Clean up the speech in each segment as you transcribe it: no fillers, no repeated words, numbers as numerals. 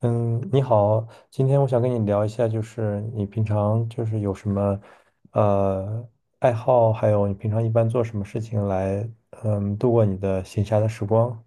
嗯，你好，今天我想跟你聊一下，就是你平常就是有什么呃爱好，还有你平常一般做什么事情来度过你的闲暇的时光。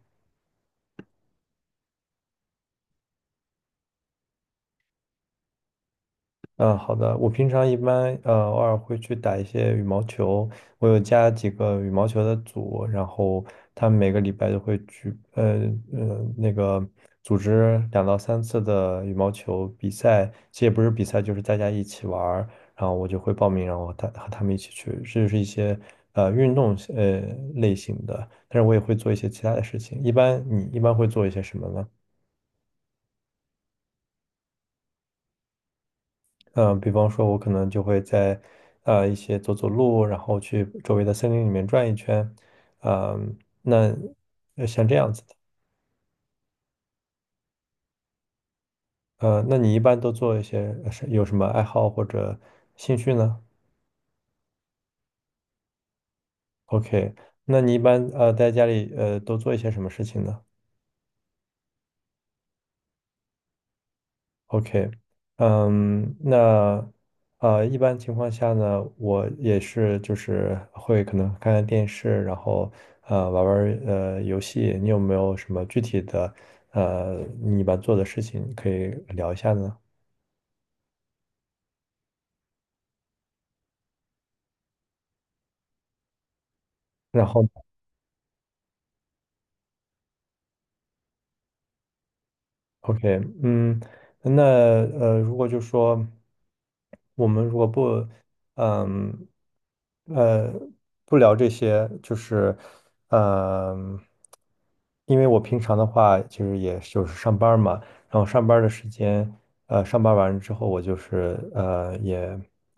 嗯，好的。我平常一般偶尔会去打一些羽毛球，我有加几个羽毛球的组，然后他们每个礼拜都会去，呃那个组织两到三次的羽毛球比赛，其实也不是比赛，就是大家一起玩儿然后我就会报名，然后他和他们一起去，这就是一些运动类型的，但是我也会做一些其他的事情。一般你一般会做一些什么呢？比方说，我可能就会在一些走走路，然后去周围的森林里面转一圈，嗯、那像这样子的，那你一般都做一些是有什么爱好或者兴趣呢？OK，那你一般在家里都做一些什么事情呢？OK，嗯，那一般情况下呢，我也是就是会可能看看电视，然后玩玩儿游戏。你有没有什么具体的呃你一般做的事情可以聊一下呢？然后。OK，嗯，那如果就说我们如果不，嗯，呃，不聊这些，就是，嗯，因为我平常的话，其实也就是上班儿嘛，然后上班儿的时间，上班完之后，我就是也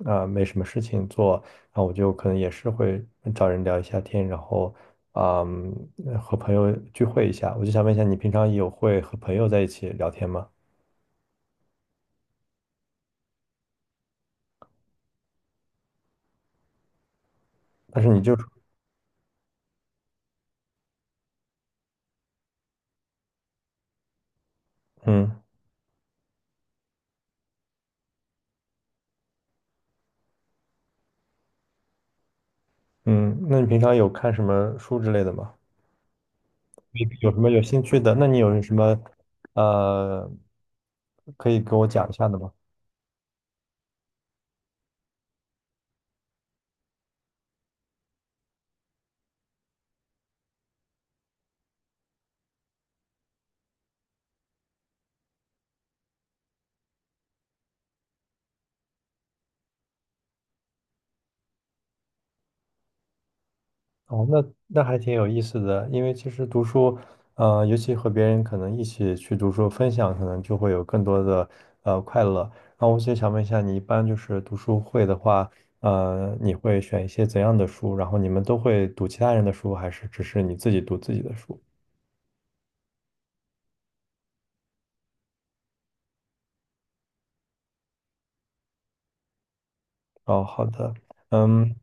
没什么事情做，然后我就可能也是会找人聊一下天，然后，嗯，和朋友聚会一下。我就想问一下，你平常有会和朋友在一起聊天吗？但是你就，嗯嗯，那你平常有看什么书之类的吗？你有什么有兴趣的？那你有什么，呃，可以给我讲一下的吗？哦，那还挺有意思的，因为其实读书，尤其和别人可能一起去读书分享，可能就会有更多的快乐。然后我就想问一下，你一般就是读书会的话，你会选一些怎样的书？然后你们都会读其他人的书，还是只是你自己读自己的书？哦，好的，嗯，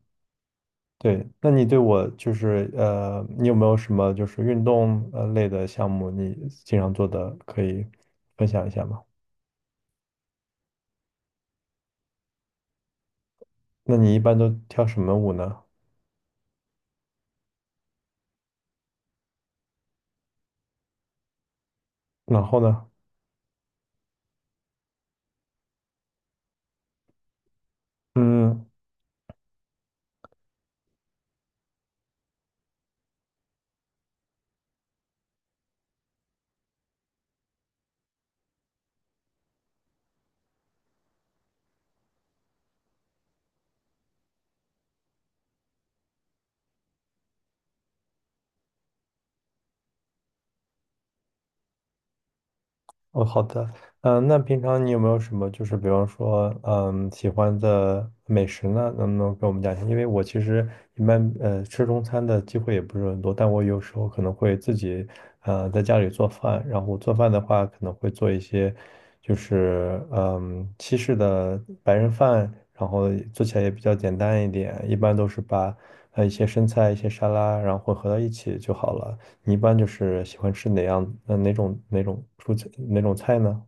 对，那你对我就是你有没有什么就是运动类的项目，你经常做的，可以分享一下吗？那你一般都跳什么舞呢？然后呢？嗯，哦，好的。嗯，那平常你有没有什么，就是比方说，嗯，喜欢的美食呢？能不能给我们讲一下？因为我其实一般，吃中餐的机会也不是很多，但我有时候可能会自己，在家里做饭。然后做饭的话，可能会做一些，就是，嗯，西式的白人饭，然后做起来也比较简单一点。一般都是把，一些生菜、一些沙拉，然后混合到一起就好了。你一般就是喜欢吃哪样？哪种蔬菜哪种菜呢？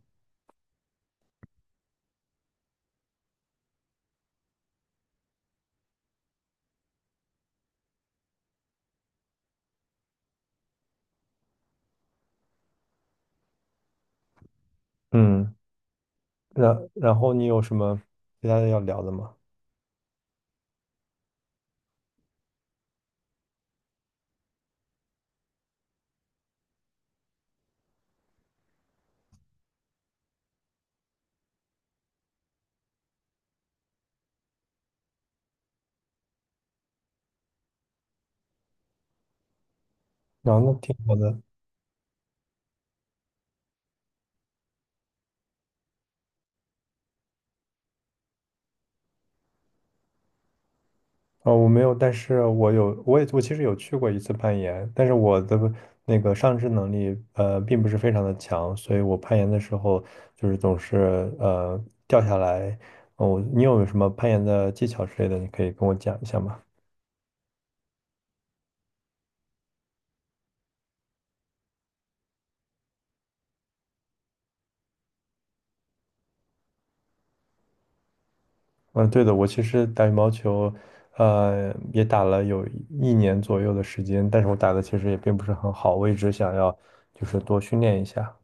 嗯，然后你有什么其他的要聊的吗？然后那挺好的。我没有，但是我也其实有去过一次攀岩，但是我的那个上肢能力并不是非常的强，所以我攀岩的时候就是总是掉下来。哦，你有什么攀岩的技巧之类的，你可以跟我讲一下吗？嗯，对的，我其实打羽毛球，也打了有一年左右的时间，但是我打的其实也并不是很好，我一直想要就是多训练一下。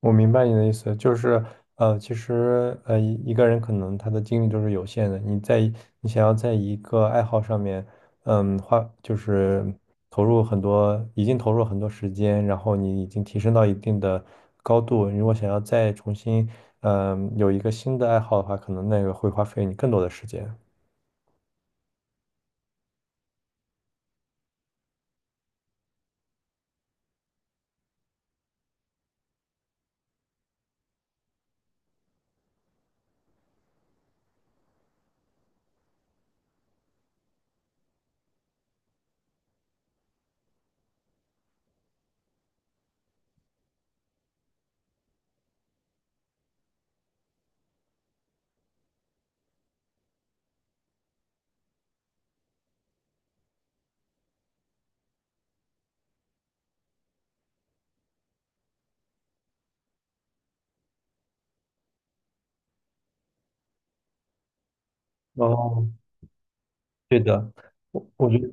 我明白你的意思，就是其实一个人可能他的精力都是有限的。你想要在一个爱好上面，嗯，花就是投入很多，已经投入很多时间，然后你已经提升到一定的高度。如果想要再重新，有一个新的爱好的话，可能那个会花费你更多的时间。哦，对的，我觉得。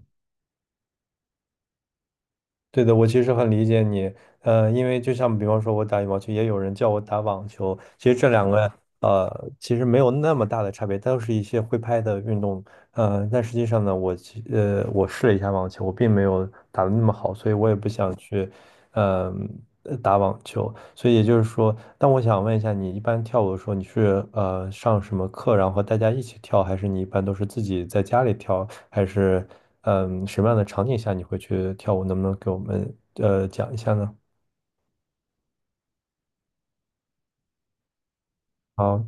对的，我其实很理解你，因为就像比方说，我打羽毛球，也有人叫我打网球，其实这两个其实没有那么大的差别，都是一些挥拍的运动，但实际上呢，我试了一下网球，我并没有打得那么好，所以我也不想去，嗯、打网球。所以也就是说，但我想问一下，你一般跳舞的时候，你是上什么课，然后和大家一起跳，还是你一般都是自己在家里跳，还是什么样的场景下你会去跳舞？能不能给我们讲一下呢？好。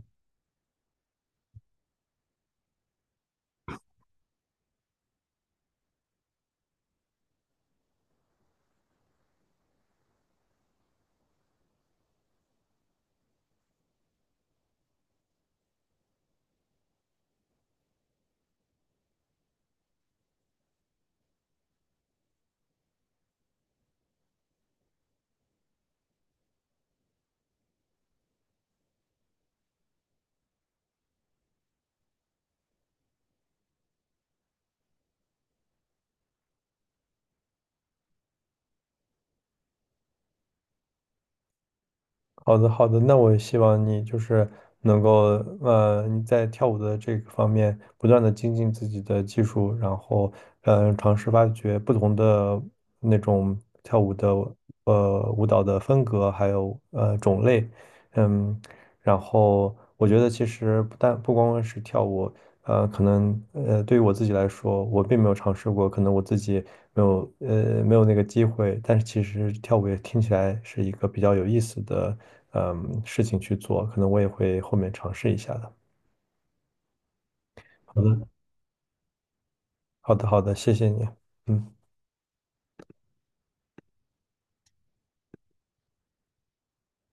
好的，好的，那我希望你就是能够，你在跳舞的这个方面不断的精进自己的技术，然后，尝试发掘不同的那种跳舞的，舞蹈的风格，还有种类，嗯，然后我觉得其实不但不光光是跳舞，可能对于我自己来说，我并没有尝试过，可能我自己没有没有那个机会，但是其实跳舞也听起来是一个比较有意思的事情去做，可能我也会后面尝试一下的。好的，好的，好的，谢谢你。嗯。